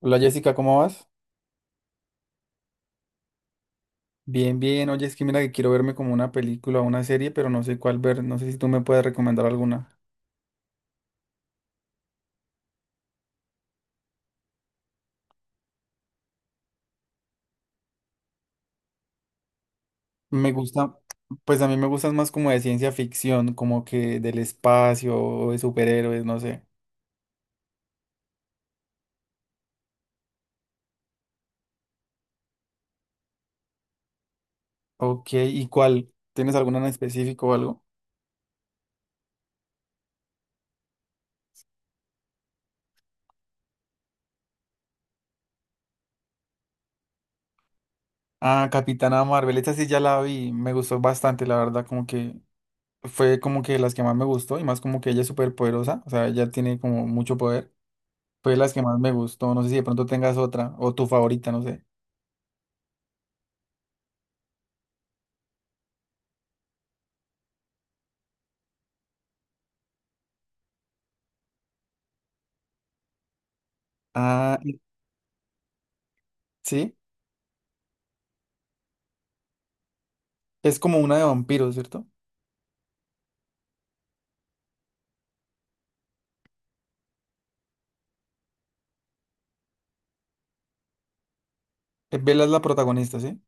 Hola Jessica, ¿cómo vas? Bien, bien. Oye, es que mira que quiero verme como una película o una serie, pero no sé cuál ver. No sé si tú me puedes recomendar alguna. Me gusta, pues a mí me gustan más como de ciencia ficción, como que del espacio o de superhéroes, no sé. Ok, ¿y cuál? ¿Tienes alguna en específico o algo? Ah, Capitana Marvel, esa sí ya la vi, me gustó bastante, la verdad, como que fue como que las que más me gustó y más como que ella es súper poderosa, o sea, ella tiene como mucho poder, fue las que más me gustó, no sé si de pronto tengas otra o tu favorita, no sé. Ah, sí. Es como una de vampiros, ¿cierto? Bella es la protagonista, ¿sí?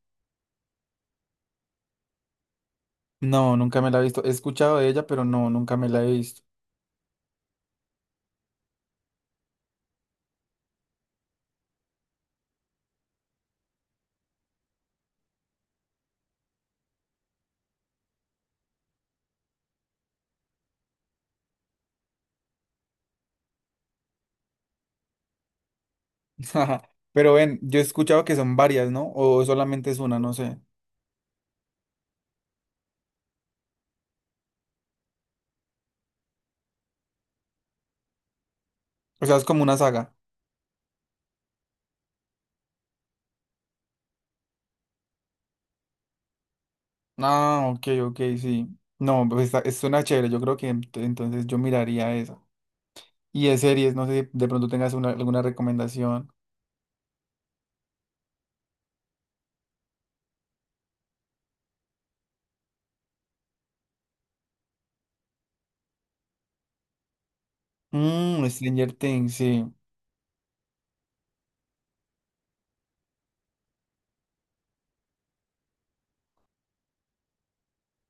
No, nunca me la he visto. He escuchado de ella, pero no, nunca me la he visto. Pero ven, yo he escuchado que son varias, ¿no? O solamente es una, no sé. O sea, es como una saga. Ah, ok, ok, sí. No, pues está, suena chévere. Yo creo que entonces yo miraría esa. Y de series, no sé si de pronto tengas alguna recomendación. Mmm, Stranger Things, sí.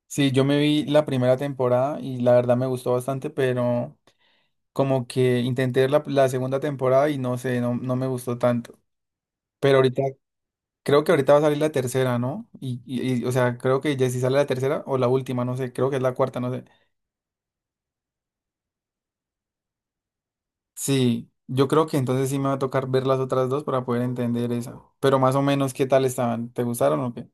Sí, yo me vi la primera temporada y la verdad me gustó bastante, pero. Como que intenté ver la segunda temporada y no sé, no, no me gustó tanto. Pero ahorita, creo que ahorita va a salir la tercera, ¿no? Y o sea, creo que ya si sale la tercera o la última, no sé, creo que es la cuarta, no sé. Sí, yo creo que entonces sí me va a tocar ver las otras dos para poder entender esa. Pero más o menos, ¿qué tal estaban? ¿Te gustaron o qué?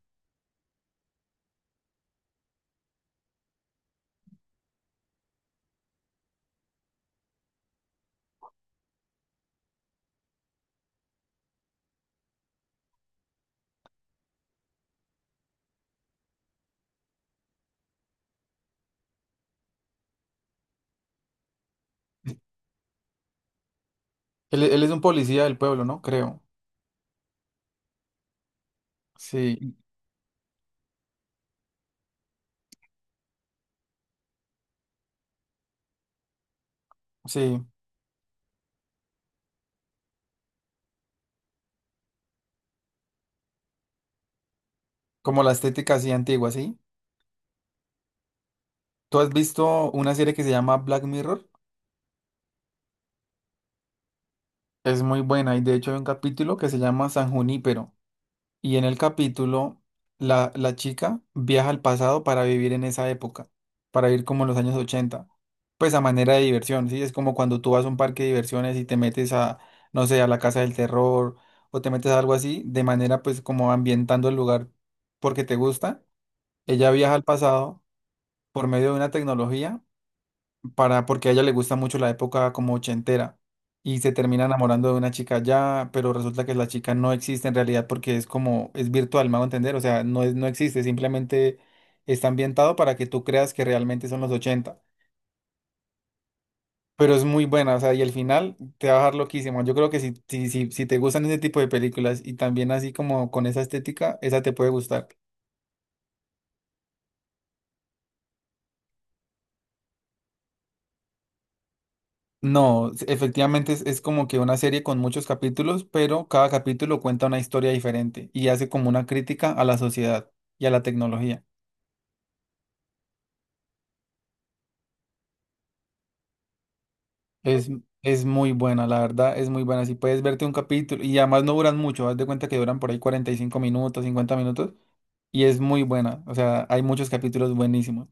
Él es un policía del pueblo, ¿no? Creo. Sí, sí. Como la estética así antigua, ¿sí? ¿Tú has visto una serie que se llama Black Mirror? Es muy buena y de hecho hay un capítulo que se llama San Junípero. Y en el capítulo, la chica viaja al pasado para vivir en esa época, para vivir como en los años 80 pues a manera de diversión, ¿sí? Es como cuando tú vas a un parque de diversiones y te metes a, no sé, a la casa del terror o te metes a algo así, de manera pues como ambientando el lugar porque te gusta. Ella viaja al pasado por medio de una tecnología para, porque a ella le gusta mucho la época como ochentera y se termina enamorando de una chica ya, pero resulta que la chica no existe en realidad porque es como, es virtual, me hago entender, o sea, no es, no existe, simplemente está ambientado para que tú creas que realmente son los ochenta. Pero es muy buena, o sea, y el final te va a dejar loquísimo. Yo creo que si te gustan ese tipo de películas y también así como con esa estética, esa te puede gustar. No, efectivamente es como que una serie con muchos capítulos, pero cada capítulo cuenta una historia diferente y hace como una crítica a la sociedad y a la tecnología. Es, es muy buena, la verdad, es muy buena. Si puedes verte un capítulo, y además no duran mucho, haz de cuenta que duran por ahí 45 minutos, 50 minutos, y es muy buena. O sea, hay muchos capítulos buenísimos.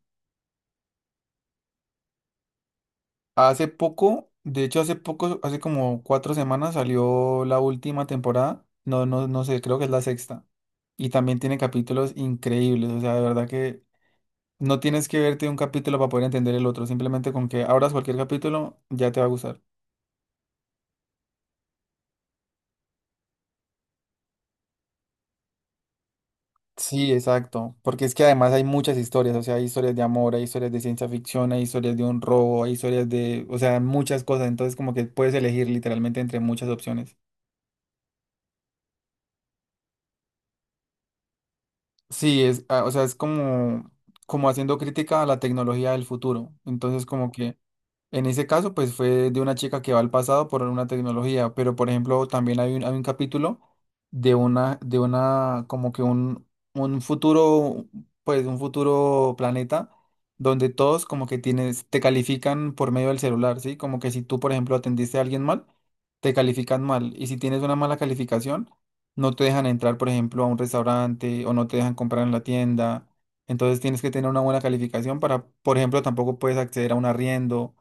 Hace poco, de hecho hace poco, hace como cuatro semanas salió la última temporada. No, no, no sé, creo que es la sexta. Y también tiene capítulos increíbles. O sea, de verdad que no tienes que verte un capítulo para poder entender el otro. Simplemente con que abras cualquier capítulo ya te va a gustar. Sí, exacto. Porque es que además hay muchas historias. O sea, hay historias de amor, hay historias de ciencia ficción, hay historias de un robo, hay historias de, o sea, muchas cosas. Entonces como que puedes elegir literalmente entre muchas opciones. Sí, es, ah, o sea, es como, como haciendo crítica a la tecnología del futuro. Entonces, como que en ese caso, pues fue de una chica que va al pasado por una tecnología, pero por ejemplo, también hay un capítulo de una, como que un futuro, pues un futuro planeta donde todos como que tienes, te califican por medio del celular, ¿sí? Como que si tú, por ejemplo, atendiste a alguien mal, te califican mal. Y si tienes una mala calificación, no te dejan entrar, por ejemplo, a un restaurante o no te dejan comprar en la tienda. Entonces tienes que tener una buena calificación para, por ejemplo, tampoco puedes acceder a un arriendo,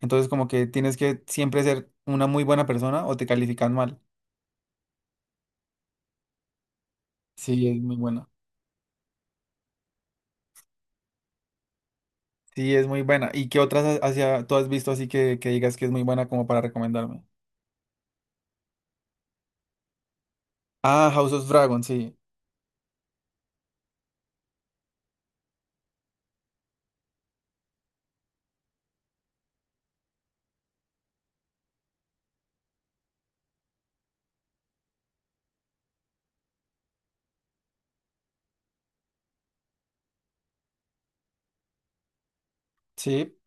entonces como que tienes que siempre ser una muy buena persona o te califican mal. Sí, es muy buena. Sí, es muy buena. ¿Y qué otras hacia, tú has visto así que digas que es muy buena como para recomendarme? Ah, House of Dragon, sí. Sí,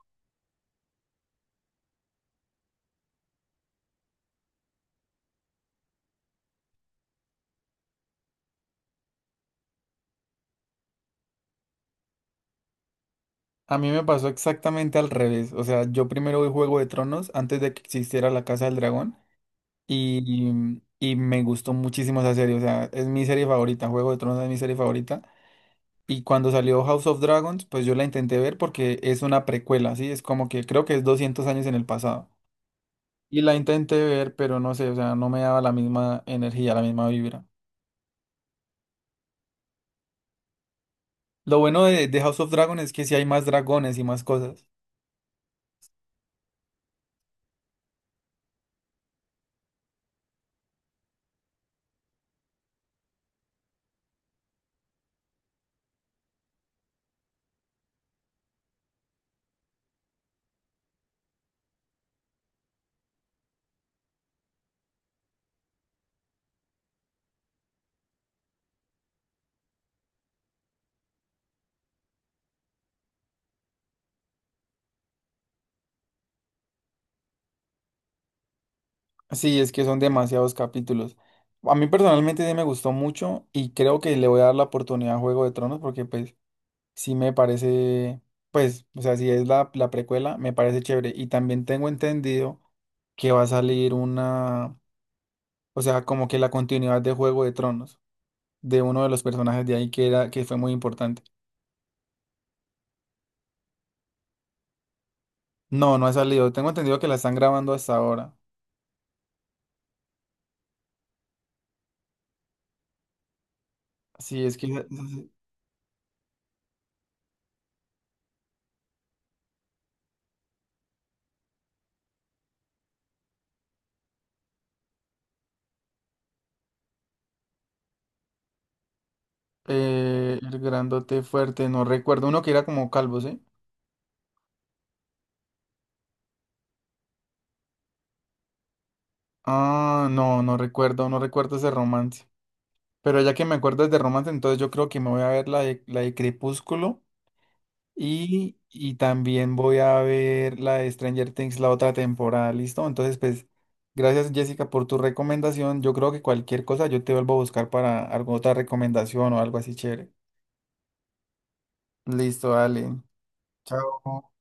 a mí me pasó exactamente al revés. O sea, yo primero vi Juego de Tronos antes de que existiera La Casa del Dragón y, y me gustó muchísimo esa serie. O sea, es mi serie favorita. Juego de Tronos es mi serie favorita. Y cuando salió House of Dragons, pues yo la intenté ver porque es una precuela, ¿sí? Es como que creo que es 200 años en el pasado. Y la intenté ver, pero no sé, o sea, no me daba la misma energía, la misma vibra. Lo bueno de House of Dragons es que sí hay más dragones y más cosas. Sí, es que son demasiados capítulos. A mí personalmente sí me gustó mucho y creo que le voy a dar la oportunidad a Juego de Tronos porque pues sí me parece, pues, o sea, si es la precuela, me parece chévere. Y también tengo entendido que va a salir una... O sea, como que la continuidad de Juego de Tronos, de uno de los personajes de ahí que era, que fue muy importante. No, no ha salido. Tengo entendido que la están grabando hasta ahora. Sí, es que el grandote fuerte, no recuerdo. Uno que era como calvo, ¿sí? Ah, no, no recuerdo, no recuerdo ese romance. Pero ya que me acuerdas de romance, entonces yo creo que me voy a ver la de Crepúsculo. Y también voy a ver la de Stranger Things, la otra temporada, ¿listo? Entonces, pues, gracias Jessica por tu recomendación. Yo creo que cualquier cosa yo te vuelvo a buscar para alguna otra recomendación o algo así chévere. Listo, dale. Chao.